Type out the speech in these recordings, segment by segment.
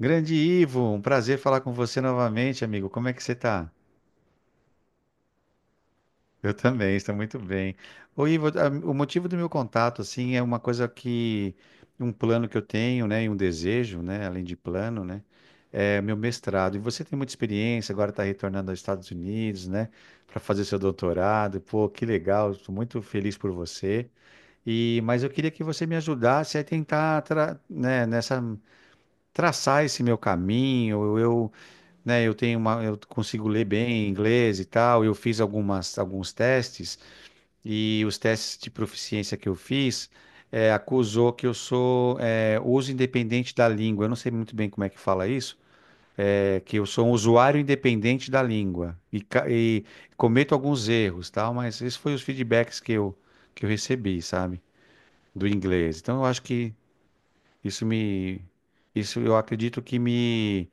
Grande Ivo, um prazer falar com você novamente, amigo. Como é que você está? Eu também, estou muito bem. Ô, Ivo, o motivo do meu contato, assim, é uma coisa que, um plano que eu tenho, né, e um desejo, né, além de plano, né, é meu mestrado. E você tem muita experiência, agora está retornando aos Estados Unidos, né, para fazer seu doutorado. Pô, que legal, estou muito feliz por você. E, mas eu queria que você me ajudasse a tentar, né, nessa, traçar esse meu caminho, eu né? Eu tenho uma, eu consigo ler bem inglês e tal. Eu fiz algumas, alguns testes e os testes de proficiência que eu fiz acusou que eu sou uso independente da língua. Eu não sei muito bem como é que fala isso. É que eu sou um usuário independente da língua e, e cometo alguns erros, tal. Mas esses foram os feedbacks que eu recebi, sabe, do inglês. Então eu acho que isso me, isso eu acredito que me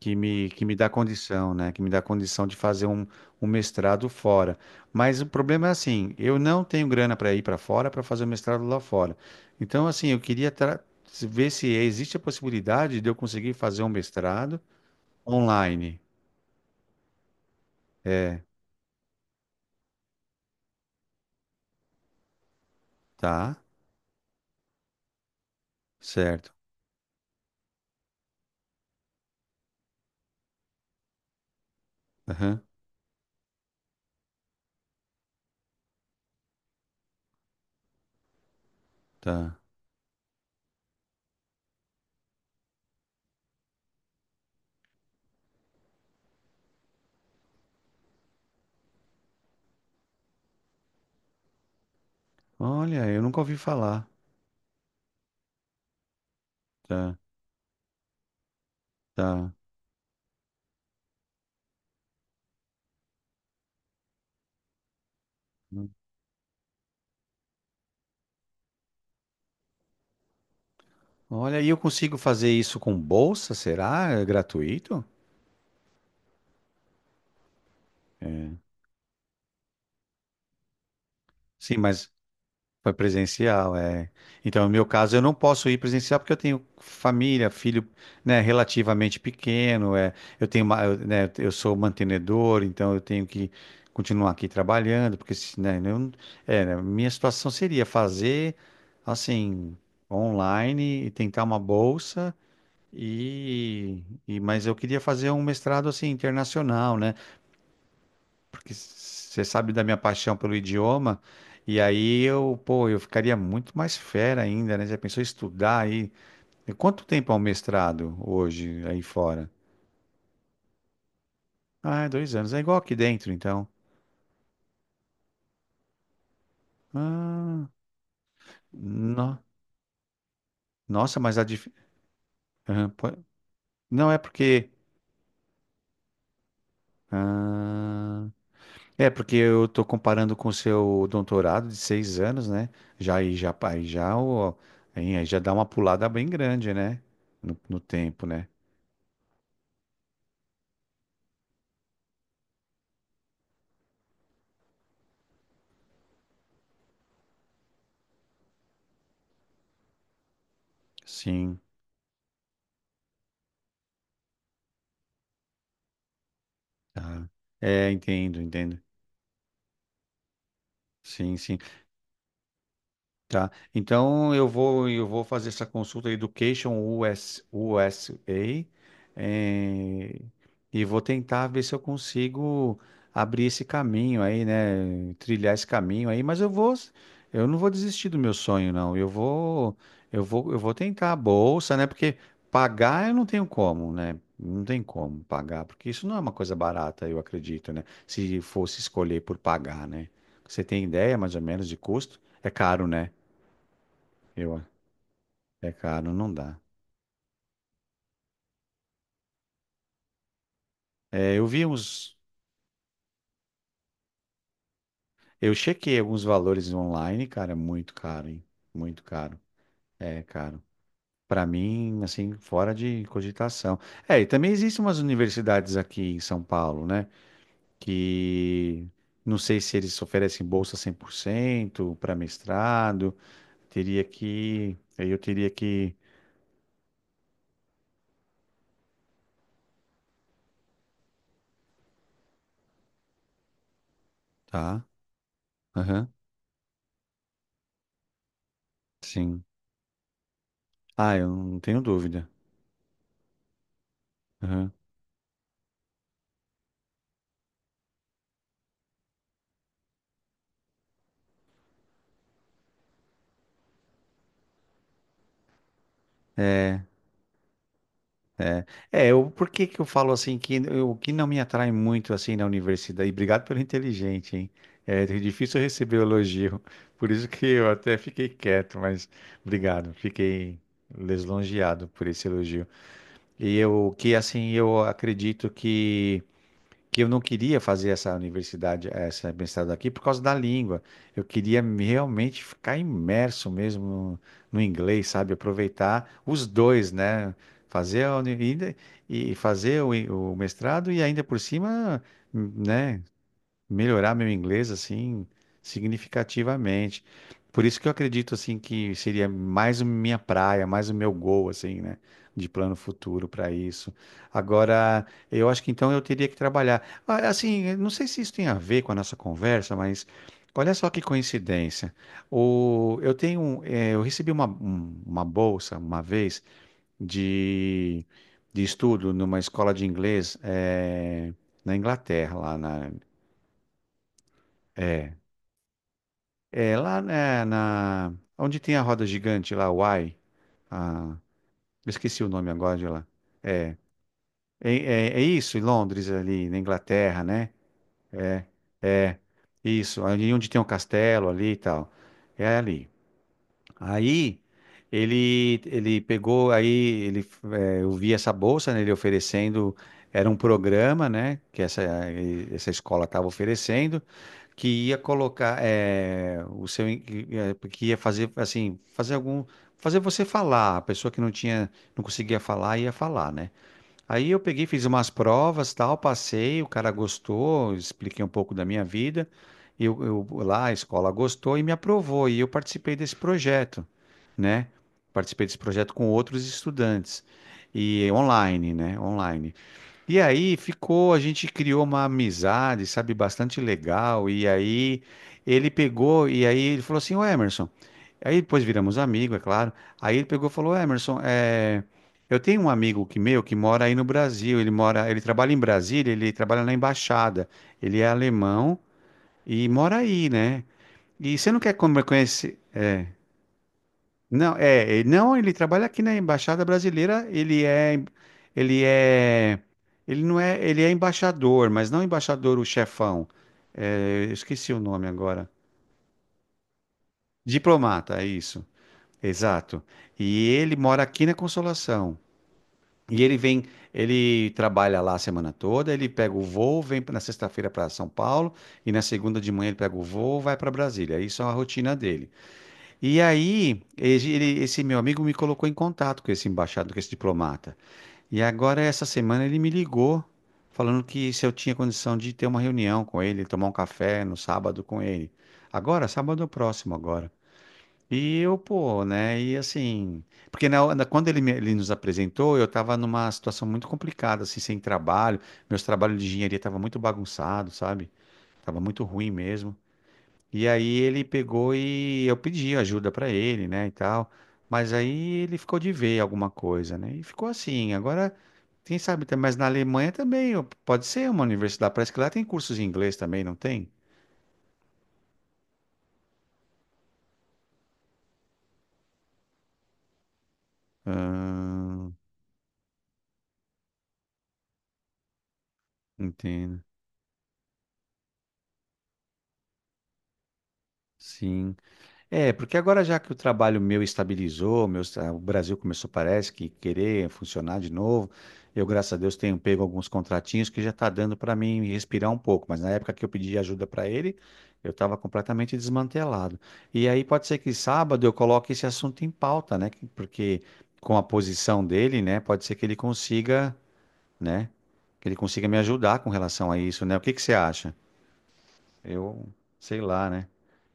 que me dá condição, né? Que me dá condição de fazer um, um mestrado fora. Mas o problema é assim, eu não tenho grana para ir para fora para fazer o mestrado lá fora. Então, assim, eu queria ver se existe a possibilidade de eu conseguir fazer um mestrado online. É, tá, certo. Aham, tá. Olha, eu nunca ouvi falar. Tá, tá. Olha, e eu consigo fazer isso com bolsa, será? É gratuito? Sim, mas foi presencial, é. Então, no meu caso, eu não posso ir presencial porque eu tenho família, filho, né, relativamente pequeno, é. Eu tenho, eu, né, eu sou mantenedor, então eu tenho que continuar aqui trabalhando, porque se, né, eu não- é, né, minha situação seria fazer assim online e tentar uma bolsa e, e mas eu queria fazer um mestrado assim internacional, né? Porque você sabe da minha paixão pelo idioma, e aí eu, pô, eu ficaria muito mais fera ainda, né? Já pensou em estudar aí? E quanto tempo é um mestrado hoje aí fora? Ah, é 2 anos. É igual aqui dentro, então. Ah, no- nossa, mas a dif- Aham, não é porque. Ah, é porque eu tô comparando com o seu doutorado de 6 anos, né? Já aí já aí já o aí já dá uma pulada bem grande, né? No tempo, né? Sim. Tá. É, entendo, entendo. Sim, sim. Tá. Então eu vou fazer essa consulta Education US, USA eh, e vou tentar ver se eu consigo abrir esse caminho aí, né? Trilhar esse caminho aí, mas eu não vou desistir do meu sonho, não. Eu vou eu vou tentar a bolsa, né? Porque pagar eu não tenho como, né? Não tem como pagar, porque isso não é uma coisa barata, eu acredito, né? Se fosse escolher por pagar, né? Você tem ideia mais ou menos de custo? É caro, né? Eu, é caro, não dá. É, eu vi uns. Eu chequei alguns valores online, cara, é muito caro, hein? Muito caro. É caro. Pra mim, assim, fora de cogitação. É, e também existem umas universidades aqui em São Paulo, né? Que não sei se eles oferecem bolsa 100% para mestrado. Teria que. Aí eu teria que. Tá? Aham. Sim. Ah, eu não tenho dúvida. É, eu, por que que eu falo assim que o que não me atrai muito assim na universidade, e obrigado pelo inteligente, hein? É difícil receber elogio, por isso que eu até fiquei quieto, mas obrigado, fiquei lisonjeado por esse elogio. E eu que assim, eu acredito que eu não queria fazer essa universidade, essa mestrado aqui por causa da língua. Eu queria realmente ficar imerso mesmo no, no inglês, sabe? Aproveitar os dois, né? Fazer a e fazer o mestrado e ainda por cima, né? Melhorar meu inglês assim significativamente. Por isso que eu acredito assim que seria mais a minha praia, mais o meu gol assim, né, de plano futuro para isso. Agora, eu acho que então eu teria que trabalhar. Ah, assim, eu não sei se isso tem a ver com a nossa conversa, mas olha só que coincidência. O, eu tenho, eu recebi uma, uma bolsa uma vez de, de estudo numa escola de inglês na Inglaterra, lá na, é. É lá né, na. Onde tem a roda gigante lá, o Y. Ah, eu esqueci o nome agora de lá. É, é, é, é isso, em Londres, ali, na Inglaterra, né? É, isso, ali onde tem um castelo ali e tal. É ali. Aí, ele pegou, aí, ele, é, eu vi essa bolsa, né, ele oferecendo, era um programa, né, que essa, essa escola estava oferecendo, que ia colocar o seu que que ia fazer assim fazer algum fazer você falar, a pessoa que não tinha não conseguia falar ia falar, né. Aí eu peguei, fiz umas provas, tal, passei, o cara gostou, expliquei um pouco da minha vida, eu lá, a escola gostou e me aprovou e eu participei desse projeto, né, participei desse projeto com outros estudantes, e online, né, online. E aí ficou, a gente criou uma amizade, sabe, bastante legal. E aí ele pegou, e aí ele falou assim, ô Emerson. Aí depois viramos amigo, é claro. Aí ele pegou e falou, Emerson, é, eu tenho um amigo que mora aí no Brasil. Ele mora, ele trabalha em Brasília, ele trabalha na embaixada. Ele é alemão e mora aí, né? E você não quer conhecer? É. Não, é, ele- não, ele trabalha aqui na Embaixada Brasileira, ele é, ele é, ele não é, ele é embaixador, mas não embaixador o chefão. É, eu esqueci o nome agora. Diplomata, é isso. Exato. E ele mora aqui na Consolação. E ele vem, ele trabalha lá a semana toda, ele pega o voo, vem na sexta-feira para São Paulo e na segunda de manhã ele pega o voo, vai para Brasília. Isso é a rotina dele. E aí, esse meu amigo me colocou em contato com esse embaixador, com esse diplomata. E agora, essa semana, ele me ligou, falando que se eu tinha condição de ter uma reunião com ele, tomar um café no sábado com ele. Agora, sábado é o próximo agora. E eu, pô, né? E assim. Porque quando ele, ele nos apresentou, eu tava numa situação muito complicada, assim, sem trabalho. Meus trabalhos de engenharia estavam muito bagunçados, sabe? Tava muito ruim mesmo. E aí ele pegou e eu pedi ajuda pra ele, né, e tal. Mas aí ele ficou de ver alguma coisa, né? E ficou assim. Agora, quem sabe, mas na Alemanha também ó, pode ser uma universidade. Parece que lá tem cursos em inglês também, não tem? Ah, entendo. Sim. É, porque agora já que o trabalho meu estabilizou, meu, o Brasil começou, parece que querer funcionar de novo. Eu, graças a Deus, tenho pego alguns contratinhos que já está dando para mim respirar um pouco. Mas na época que eu pedi ajuda para ele, eu estava completamente desmantelado. E aí pode ser que sábado eu coloque esse assunto em pauta, né? Porque com a posição dele, né, pode ser que ele consiga, né, que ele consiga me ajudar com relação a isso, né? O que que você acha? Eu sei lá, né?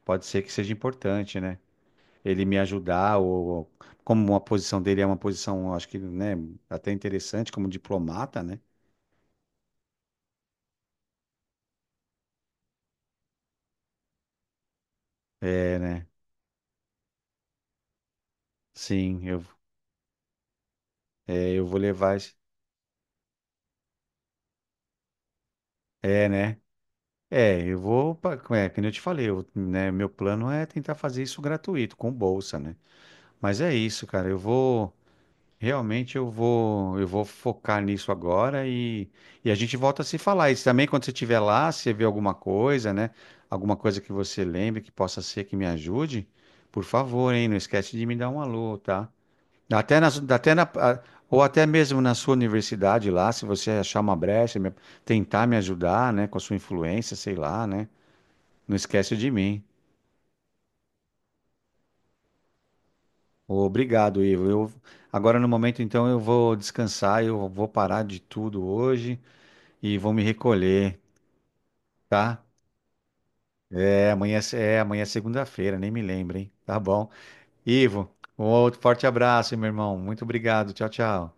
Pode ser que seja importante, né? Ele me ajudar, ou como a posição dele é uma posição, acho que, né, até interessante, como diplomata, né? É, né? Sim, eu, é, eu vou levar esse. É, né? É, eu vou. É, como eu te falei, eu, né, meu plano é tentar fazer isso gratuito, com bolsa, né? Mas é isso, cara. Eu vou. Realmente eu vou focar nisso agora e a gente volta a se falar. E também quando você estiver lá, se você vê alguma coisa, né? Alguma coisa que você lembre que possa ser que me ajude, por favor, hein? Não esquece de me dar um alô, tá? Até na, até na, ou até mesmo na sua universidade lá, se você achar uma brecha, tentar me ajudar, né? Com a sua influência, sei lá, né? Não esquece de mim. Obrigado, Ivo. Eu, agora no momento, então, eu vou descansar, eu vou parar de tudo hoje. E vou me recolher, tá? É, amanhã é, amanhã é segunda-feira, nem me lembro, hein? Tá bom. Ivo, um outro forte abraço, meu irmão. Muito obrigado. Tchau, tchau.